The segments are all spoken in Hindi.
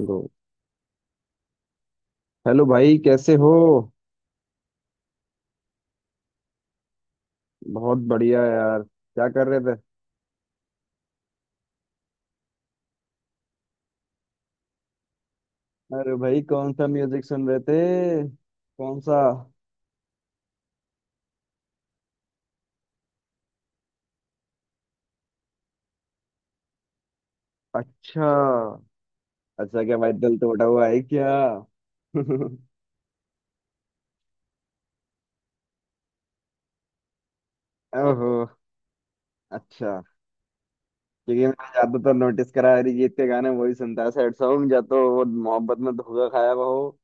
गो। हेलो भाई, कैसे हो? बहुत बढ़िया यार। क्या कर रहे थे? अरे भाई, कौन सा म्यूजिक सुन रहे थे? कौन सा? अच्छा। अच्छा, क्या भाई, दिल टूटा हुआ है क्या? ओहो। अच्छा, क्योंकि मैंने ज्यादातर नोटिस करा है, अरिजीत के गाने वही सुनता है सैड सॉन्ग, या तो वो मोहब्बत में धोखा खाया हुआ हो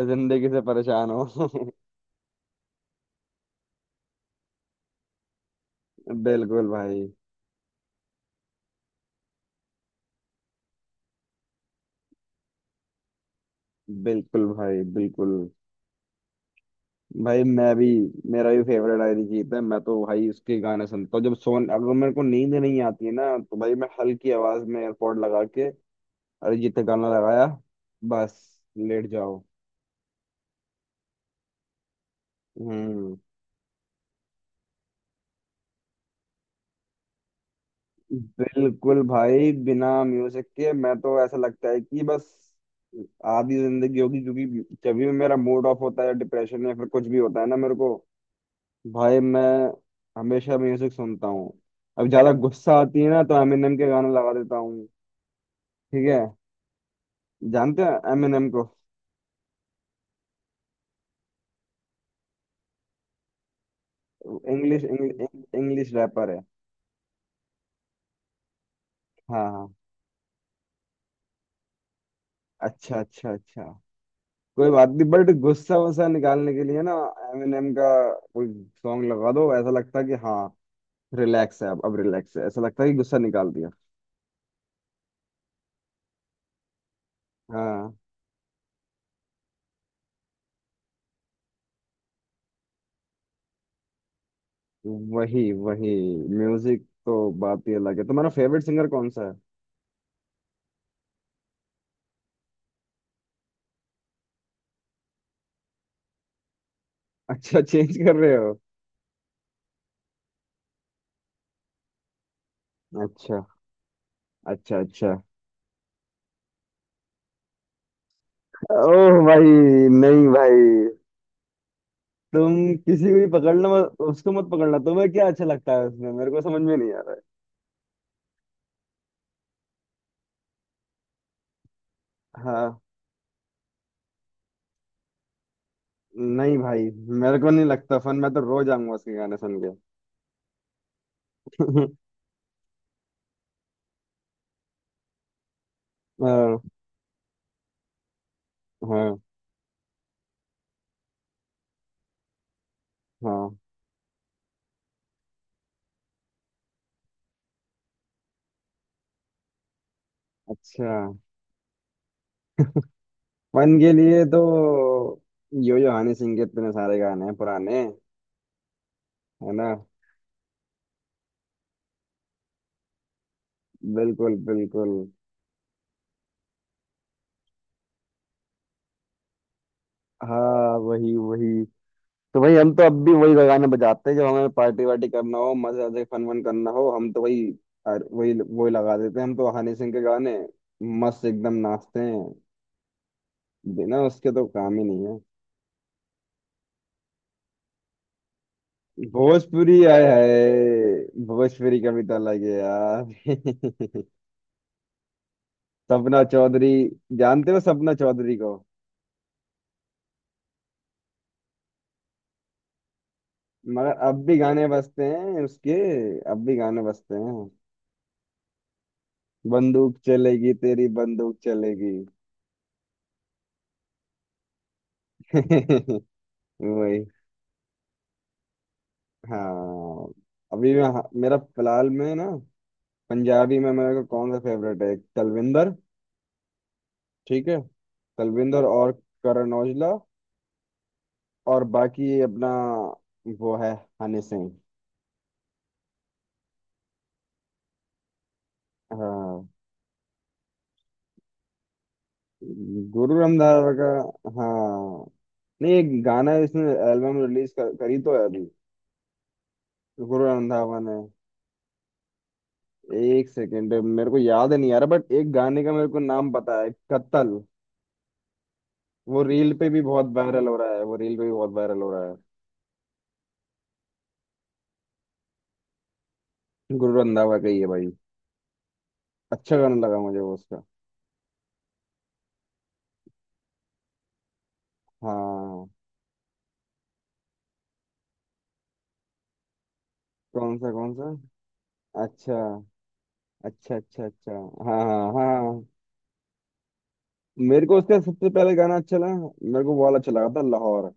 या जिंदगी से परेशान हो। बिल्कुल भाई, बिल्कुल। भाई, बिल्कुल भाई, मैं भी। मेरा भी फेवरेट अरिजीत है। मैं तो भाई उसके गाने सुनता हूँ, जब सोन अगर मेरे को नींद नहीं आती है ना, तो भाई मैं हल्की आवाज में एयरपॉड लगा के अरिजीत का गाना लगाया, बस लेट जाओ। हम्म। बिल्कुल भाई, बिना म्यूजिक के मैं तो ऐसा लगता है कि बस आधी जिंदगी होगी। क्योंकि जब भी मेरा मूड ऑफ होता है, डिप्रेशन या फिर कुछ भी होता है ना मेरे को, भाई मैं हमेशा म्यूजिक सुनता हूँ। अब ज्यादा गुस्सा आती है ना तो एमिनेम के गाने लगा देता हूँ। ठीक है। जानते हो एमिनेम को? इंग्लिश इंग्लिश रैपर है। हाँ हाँ। अच्छा अच्छा अच्छा। कोई बात नहीं, बट गुस्सा वुस्सा निकालने के लिए ना एमिनेम का कोई सॉन्ग लगा दो, ऐसा लगता है कि हाँ, रिलैक्स है। अब रिलैक्स है, ऐसा लगता है कि गुस्सा निकाल दिया। हाँ, वही वही। म्यूजिक तो बात ही अलग है। तुम्हारा फेवरेट सिंगर कौन सा है? अच्छा, चेंज कर रहे हो? अच्छा अच्छा अच्छा। ओह भाई। नहीं भाई, तुम किसी को भी पकड़ना, मत उसको मत पकड़ना। तुम्हें क्या अच्छा लगता है उसमें, मेरे को समझ में नहीं आ रहा है। हाँ। नहीं भाई, मेरे को नहीं लगता फन। मैं तो रोज आऊंगा उसके गाने सुन के। हाँ हाँ हाँ। अच्छा। फन के लिए तो यो यो हनी सिंह के इतने सारे गाने हैं पुराने, है ना। बिल्कुल बिल्कुल। हाँ, वही वही। तो भाई हम तो अब भी वही गाने बजाते हैं, जब हमें पार्टी वार्टी करना हो, मजे मजे फन वन करना हो, हम तो वही वही वही लगा देते हैं। हम तो हनी सिंह के गाने मस्त एकदम नाचते हैं। बिना उसके तो काम ही नहीं है। भोजपुरी आए है, भोजपुरी कविता लगे यार। सपना चौधरी। जानते हो सपना चौधरी को? मगर अब भी गाने बजते हैं उसके। अब भी गाने बजते हैं। बंदूक चलेगी, तेरी बंदूक चलेगी। वही। हाँ, अभी मैं, मेरा फिलहाल में ना पंजाबी में मेरे को कौन सा फेवरेट है, एक तलविंदर। ठीक है। तलविंदर और करण औजला और बाकी ये अपना वो है, हनी सिंह। हाँ, गुरु रंधावा का। हाँ, नहीं, एक गाना इसने एल्बम रिलीज करी तो है अभी, गुरु रंधावा ने। एक सेकेंड, मेरे को याद नहीं आ रहा, बट एक गाने का मेरे को नाम पता है, कत्ल। वो रील पे भी बहुत वायरल हो रहा है, वो रील पे भी बहुत वायरल हो रहा है। गुरु रंधावा का ही है भाई। अच्छा गाना लगा मुझे वो उसका। हाँ। कौन सा कौन सा? अच्छा अच्छा अच्छा। अच्छा। हाँ हाँ हाँ। मेरे को उसका सबसे पहले गाना अच्छा लगा। मेरे को वो वाला अच्छा लगा था, लाहौर।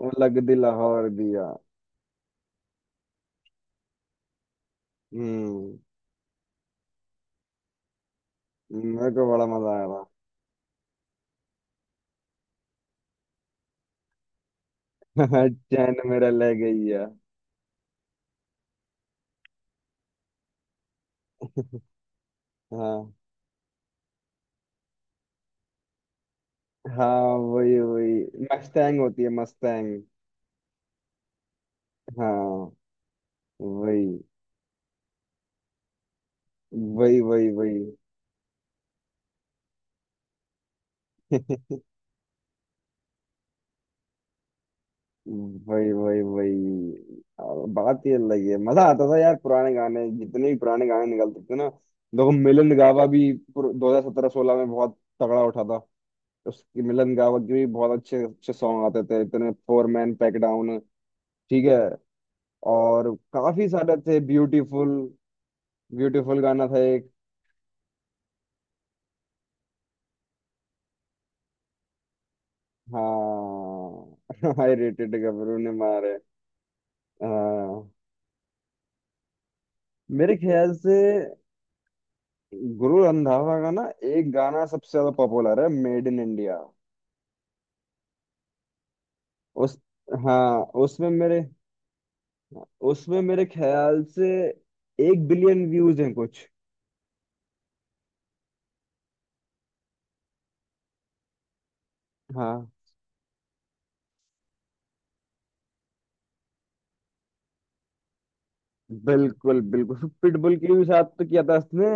वो लग दी लाहौर दिया। हम्म। मेरे को बड़ा मजा आया। था चैन मेरा ले गई है। हाँ हाँ, वही वही। मस्टैंग होती है, मस्टैंग। हाँ, वही वही वही वही। वही वही वही। अब बात ही अलग है। मजा आता था यार पुराने गाने, जितने भी पुराने गाने निकलते थे ना। देखो, मिलन गावा भी 2017 2016 में बहुत तगड़ा उठा था। उसकी मिलन गावा के भी बहुत अच्छे अच्छे सॉन्ग आते थे, इतने फोर मैन पैक डाउन। ठीक है। और काफी सारे थे ब्यूटीफुल। ब्यूटीफुल गाना था एक। हाँ। हाई रेटेड गबरू ने मारे। हाँ, मेरे ख्याल से गुरु रंधावा का ना एक गाना सबसे ज्यादा पॉपुलर है, मेड इन इंडिया। उस, हाँ उसमें मेरे, उसमें मेरे ख्याल से 1 बिलियन व्यूज हैं कुछ। हाँ, बिल्कुल बिल्कुल। पिटबुल के भी साथ तो किया था उसने।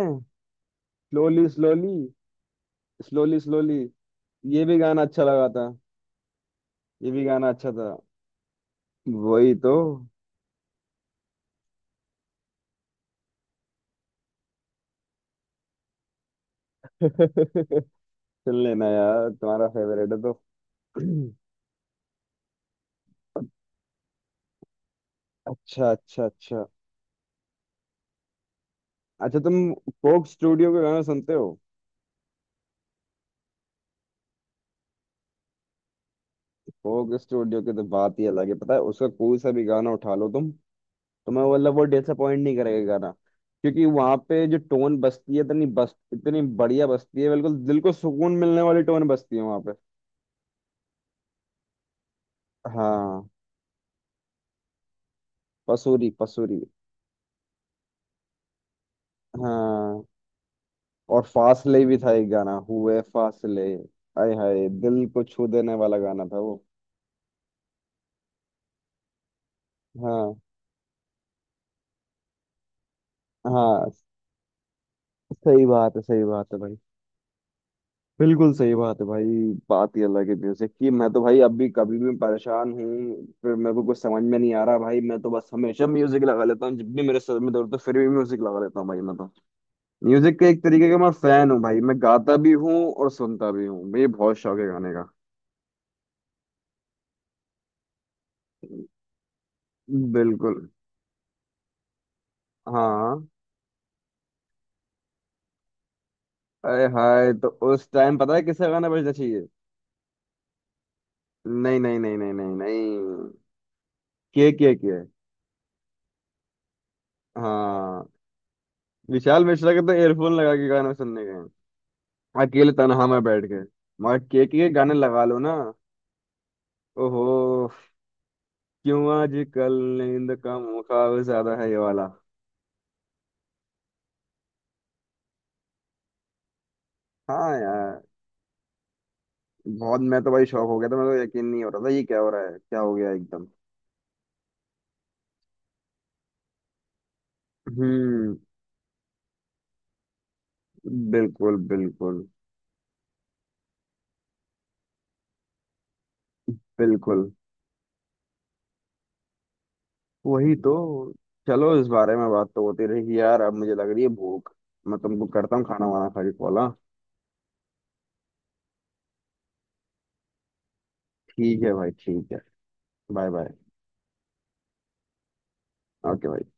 Slowly slowly, slowly slowly. ये भी गाना अच्छा लगा था। ये भी गाना अच्छा था। वही तो। सुन लेना यार, तुम्हारा फेवरेट है तो। अच्छा अच्छा अच्छा। अच्छा, तुम कोक स्टूडियो के गाना सुनते हो? कोक स्टूडियो की तो बात ही अलग है। पता है, उसका कोई सा भी गाना उठा लो तुम, तो मैं मतलब वो डिसअपॉइंट नहीं करेगा गाना। क्योंकि वहां पे जो टोन बजती है, इतनी बस इतनी बढ़िया बजती है, बिल्कुल दिल को सुकून मिलने वाली टोन बजती है वहां पे। हाँ, पसूरी पसूरी। हाँ। और फासले भी था, एक गाना हुए फासले। आय हाय, दिल को छू देने वाला गाना था वो। हाँ हाँ। सही बात है, सही बात है भाई। बिल्कुल सही बात है भाई। बात ही अलग है म्यूजिक की। मैं तो भाई अभी कभी भी परेशान हूँ, फिर मेरे को कुछ समझ में नहीं आ रहा, भाई मैं तो बस हमेशा म्यूजिक लगा लेता हूँ। जब भी मेरे सर में दर्द हो, फिर भी म्यूजिक लगा लेता हूँ भाई मैं तो। म्यूजिक का एक तरीके का मैं फैन हूँ भाई, मैं गाता भी हूँ और सुनता भी हूँ। मुझे बहुत शौक है गाने का। बिल्कुल। हाँ। अरे हाय, तो उस टाइम पता है किसका गाना बजना चाहिए? नहीं नहीं नहीं, नहीं नहीं नहीं, के के के। हाँ। विशाल मिश्रा के तो एयरफोन लगा के गाने सुनने गए, अकेले तन्हा में बैठ के। मगर के गाने लगा लो ना। ओहो। क्यों आजकल नींद का मुकाबला ज्यादा है ये वाला। हाँ यार, बहुत। मैं तो भाई शौक हो गया था, मेरे को यकीन नहीं हो रहा था, ये क्या हो रहा है, क्या हो गया एकदम। हम्म। बिल्कुल बिल्कुल। बिल्कुल, वही तो। चलो, इस बारे में बात तो होती रही यार, अब मुझे लग रही है भूख। मैं तुमको करता हूँ खाना वाना खा के कॉल, हाँ? ठीक है भाई, ठीक है। Bye bye. ओके भाई।